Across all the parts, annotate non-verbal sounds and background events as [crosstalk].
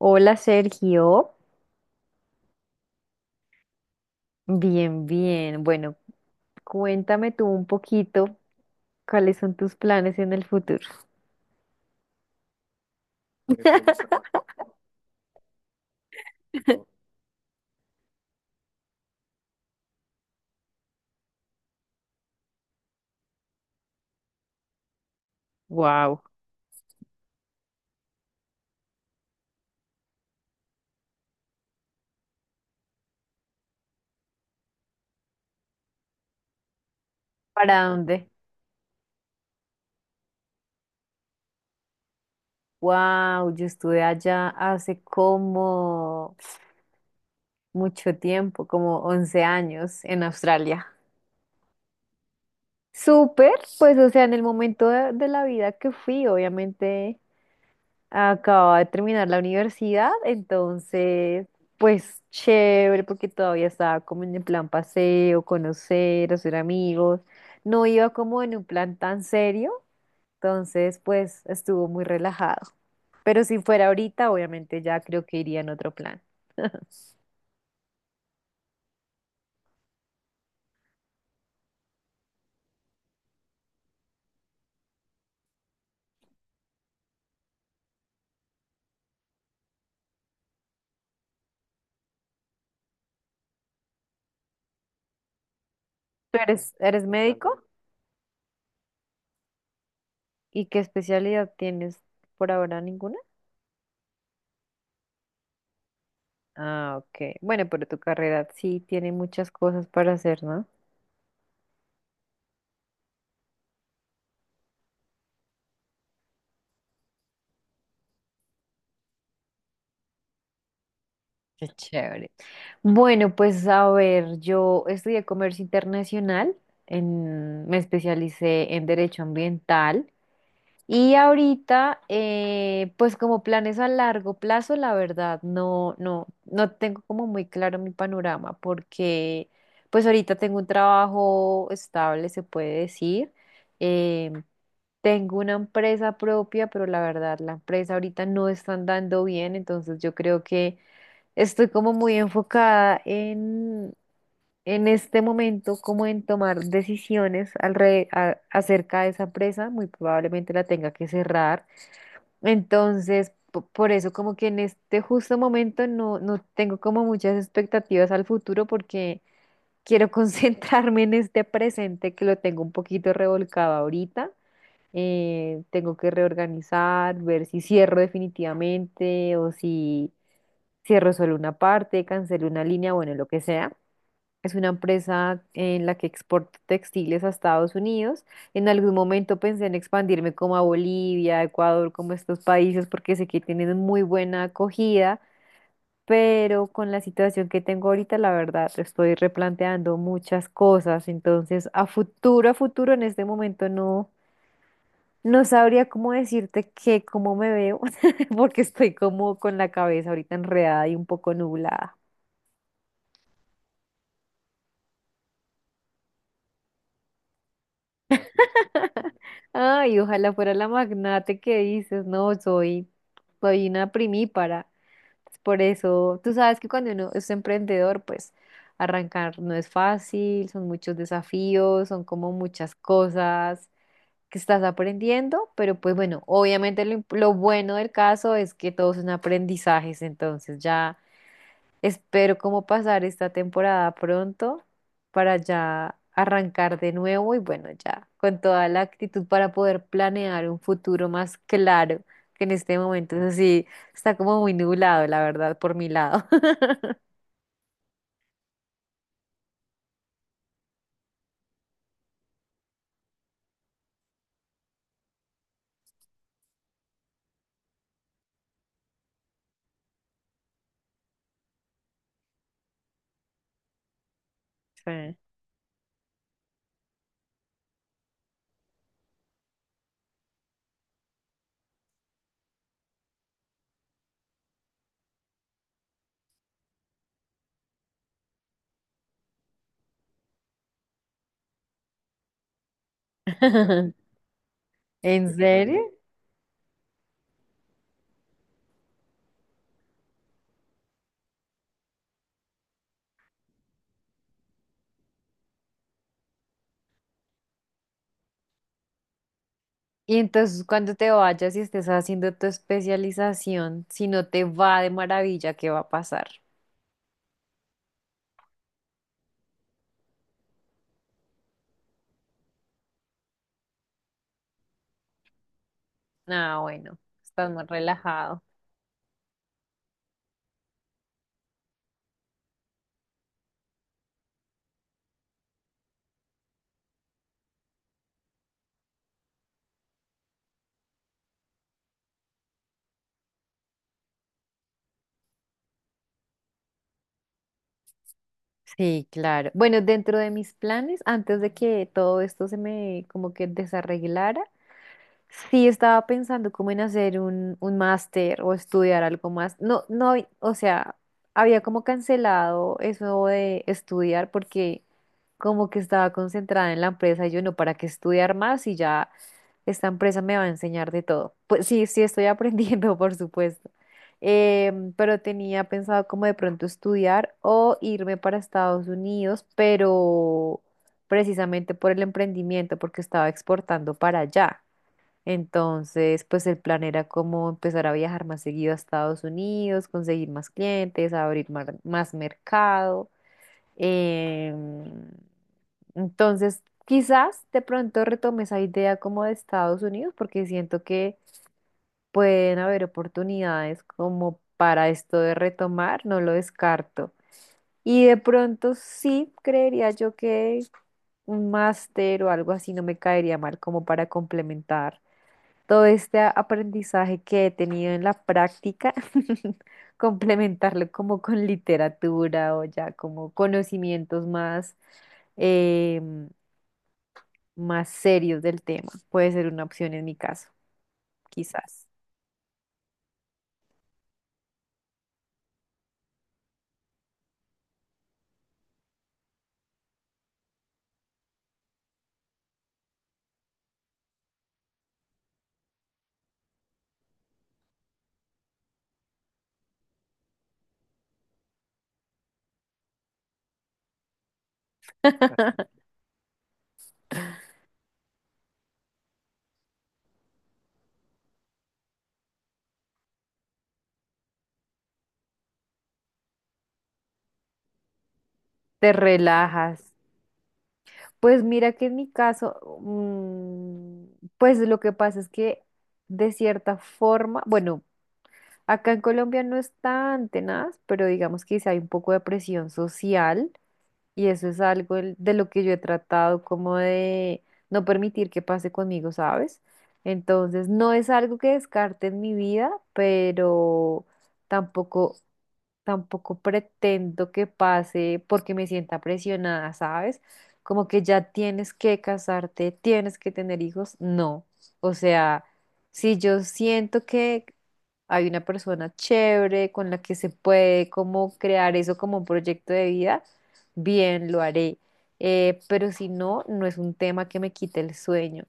Hola, Sergio, bien, bien. Bueno, cuéntame tú un poquito cuáles son tus planes en el futuro. Wow. [laughs] ¿Para dónde? Wow, yo estuve allá hace como mucho tiempo, como 11 años en Australia. Súper, pues o sea, en el momento de la vida que fui, obviamente acababa de terminar la universidad, entonces, pues chévere, porque todavía estaba como en el plan paseo, conocer, hacer amigos. No iba como en un plan tan serio, entonces, pues estuvo muy relajado. Pero si fuera ahorita, obviamente ya creo que iría en otro plan. ¿Tú eres médico? ¿Y qué especialidad tienes por ahora? ¿Ninguna? Ah, ok. Bueno, pero tu carrera sí tiene muchas cosas para hacer, ¿no? Qué chévere. Bueno, pues a ver, yo estudié comercio internacional, me especialicé en derecho ambiental y ahorita, pues como planes a largo plazo, la verdad, no tengo como muy claro mi panorama, porque pues ahorita tengo un trabajo estable, se puede decir. eh, Tengo una empresa propia, pero la verdad, la empresa ahorita no está andando bien, entonces yo creo que estoy como muy enfocada en este momento, como en tomar decisiones acerca de esa empresa. Muy probablemente la tenga que cerrar. Entonces, por eso como que en este justo momento no, no tengo como muchas expectativas al futuro, porque quiero [laughs] concentrarme en este presente, que lo tengo un poquito revolcado ahorita. Tengo que reorganizar, ver si cierro definitivamente o si cierro solo una parte, cancelo una línea, bueno, lo que sea. Es una empresa en la que exporto textiles a Estados Unidos. En algún momento pensé en expandirme como a Bolivia, Ecuador, como estos países, porque sé que tienen muy buena acogida, pero con la situación que tengo ahorita, la verdad, estoy replanteando muchas cosas. Entonces, a futuro, en este momento no. No sabría cómo decirte que cómo me veo, [laughs] porque estoy como con la cabeza ahorita enredada y un poco nublada. [laughs] Ay, ojalá fuera la magnate que dices, no, soy, soy una primípara. Es por eso, tú sabes que cuando uno es emprendedor, pues arrancar no es fácil, son muchos desafíos, son como muchas cosas que estás aprendiendo, pero pues bueno, obviamente lo, lo bueno del caso es que todos son aprendizajes, entonces ya espero como pasar esta temporada pronto para ya arrancar de nuevo y bueno, ya con toda la actitud para poder planear un futuro más claro, que en este momento es así, está como muy nublado, la verdad, por mi lado. [laughs] Sí. [laughs] ¿En serio? Y entonces cuando te vayas y estés haciendo tu especialización, si no te va de maravilla, ¿qué va a pasar? Ah, bueno, estás más relajado. Sí, claro. Bueno, dentro de mis planes, antes de que todo esto se me como que desarreglara, sí, estaba pensando como en hacer un máster o estudiar algo más. No, no, o sea, había como cancelado eso de estudiar, porque como que estaba concentrada en la empresa y yo no, ¿para qué estudiar más? Y ya esta empresa me va a enseñar de todo. Pues sí, sí estoy aprendiendo, [laughs] por supuesto. Pero tenía pensado como de pronto estudiar o irme para Estados Unidos, pero precisamente por el emprendimiento, porque estaba exportando para allá. Entonces, pues el plan era como empezar a viajar más seguido a Estados Unidos, conseguir más clientes, abrir más mercado. Em, entonces, quizás de pronto retome esa idea como de Estados Unidos, porque siento que pueden haber oportunidades como para esto de retomar, no lo descarto. Y de pronto sí creería yo que un máster o algo así no me caería mal como para complementar todo este aprendizaje que he tenido en la práctica, [laughs] complementarlo como con literatura o ya como conocimientos más, em, más serios del tema. Puede ser una opción en mi caso, quizás. Te relajas. Pues mira que en mi caso, pues lo que pasa es que de cierta forma, bueno, acá en Colombia no es tan tenaz, pero digamos que sí hay un poco de presión social. Y eso es algo de lo que yo he tratado como de no permitir que pase conmigo, ¿sabes? Entonces, no es algo que descarte en mi vida, pero tampoco tampoco pretendo que pase porque me sienta presionada, ¿sabes? Como que ya tienes que casarte, tienes que tener hijos, no. O sea, si yo siento que hay una persona chévere con la que se puede como crear eso como un proyecto de vida, bien, lo haré. Pero si no, no es un tema que me quite el sueño.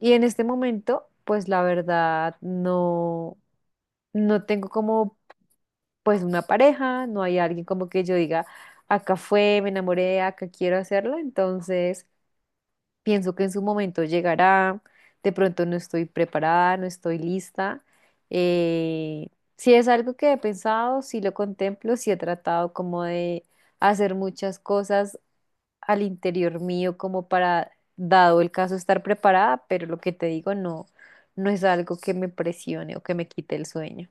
Y en este momento, pues la verdad, no, no tengo como pues una pareja, no hay alguien como que yo diga, acá fue, me enamoré, acá quiero hacerlo, entonces pienso que en su momento llegará, de pronto no estoy preparada, no estoy lista. eh, si es algo que he pensado, si lo contemplo, si he tratado como de hacer muchas cosas al interior mío como para, dado el caso, estar preparada, pero lo que te digo, no, no es algo que me presione o que me quite el sueño.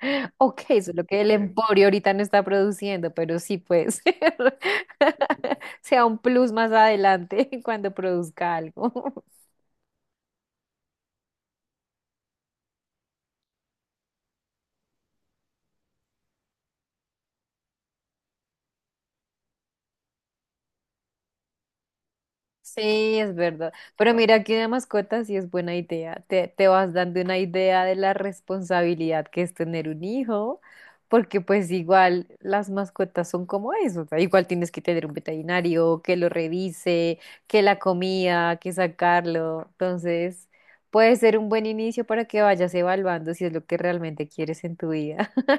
[laughs] Ok, solo que el emporio ahorita no está produciendo, pero sí puede ser. [laughs] Sea un plus más adelante [laughs] cuando produzca algo. Sí, es verdad. Pero mira que de mascotas sí es buena idea. Te vas dando una idea de la responsabilidad que es tener un hijo, porque pues igual las mascotas son como eso. O sea, igual tienes que tener un veterinario que lo revise, que la comida, que sacarlo. Entonces, puede ser un buen inicio para que vayas evaluando si es lo que realmente quieres en tu vida. [laughs]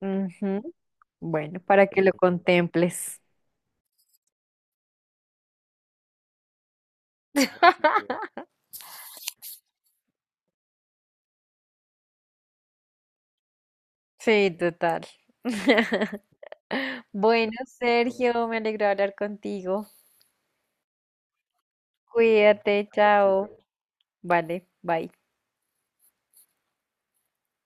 Ujú. Bueno, para que lo contemples. [laughs] Sí, total. [laughs] Bueno, Sergio, me alegro de hablar contigo. Cuídate, chao. Vale, bye.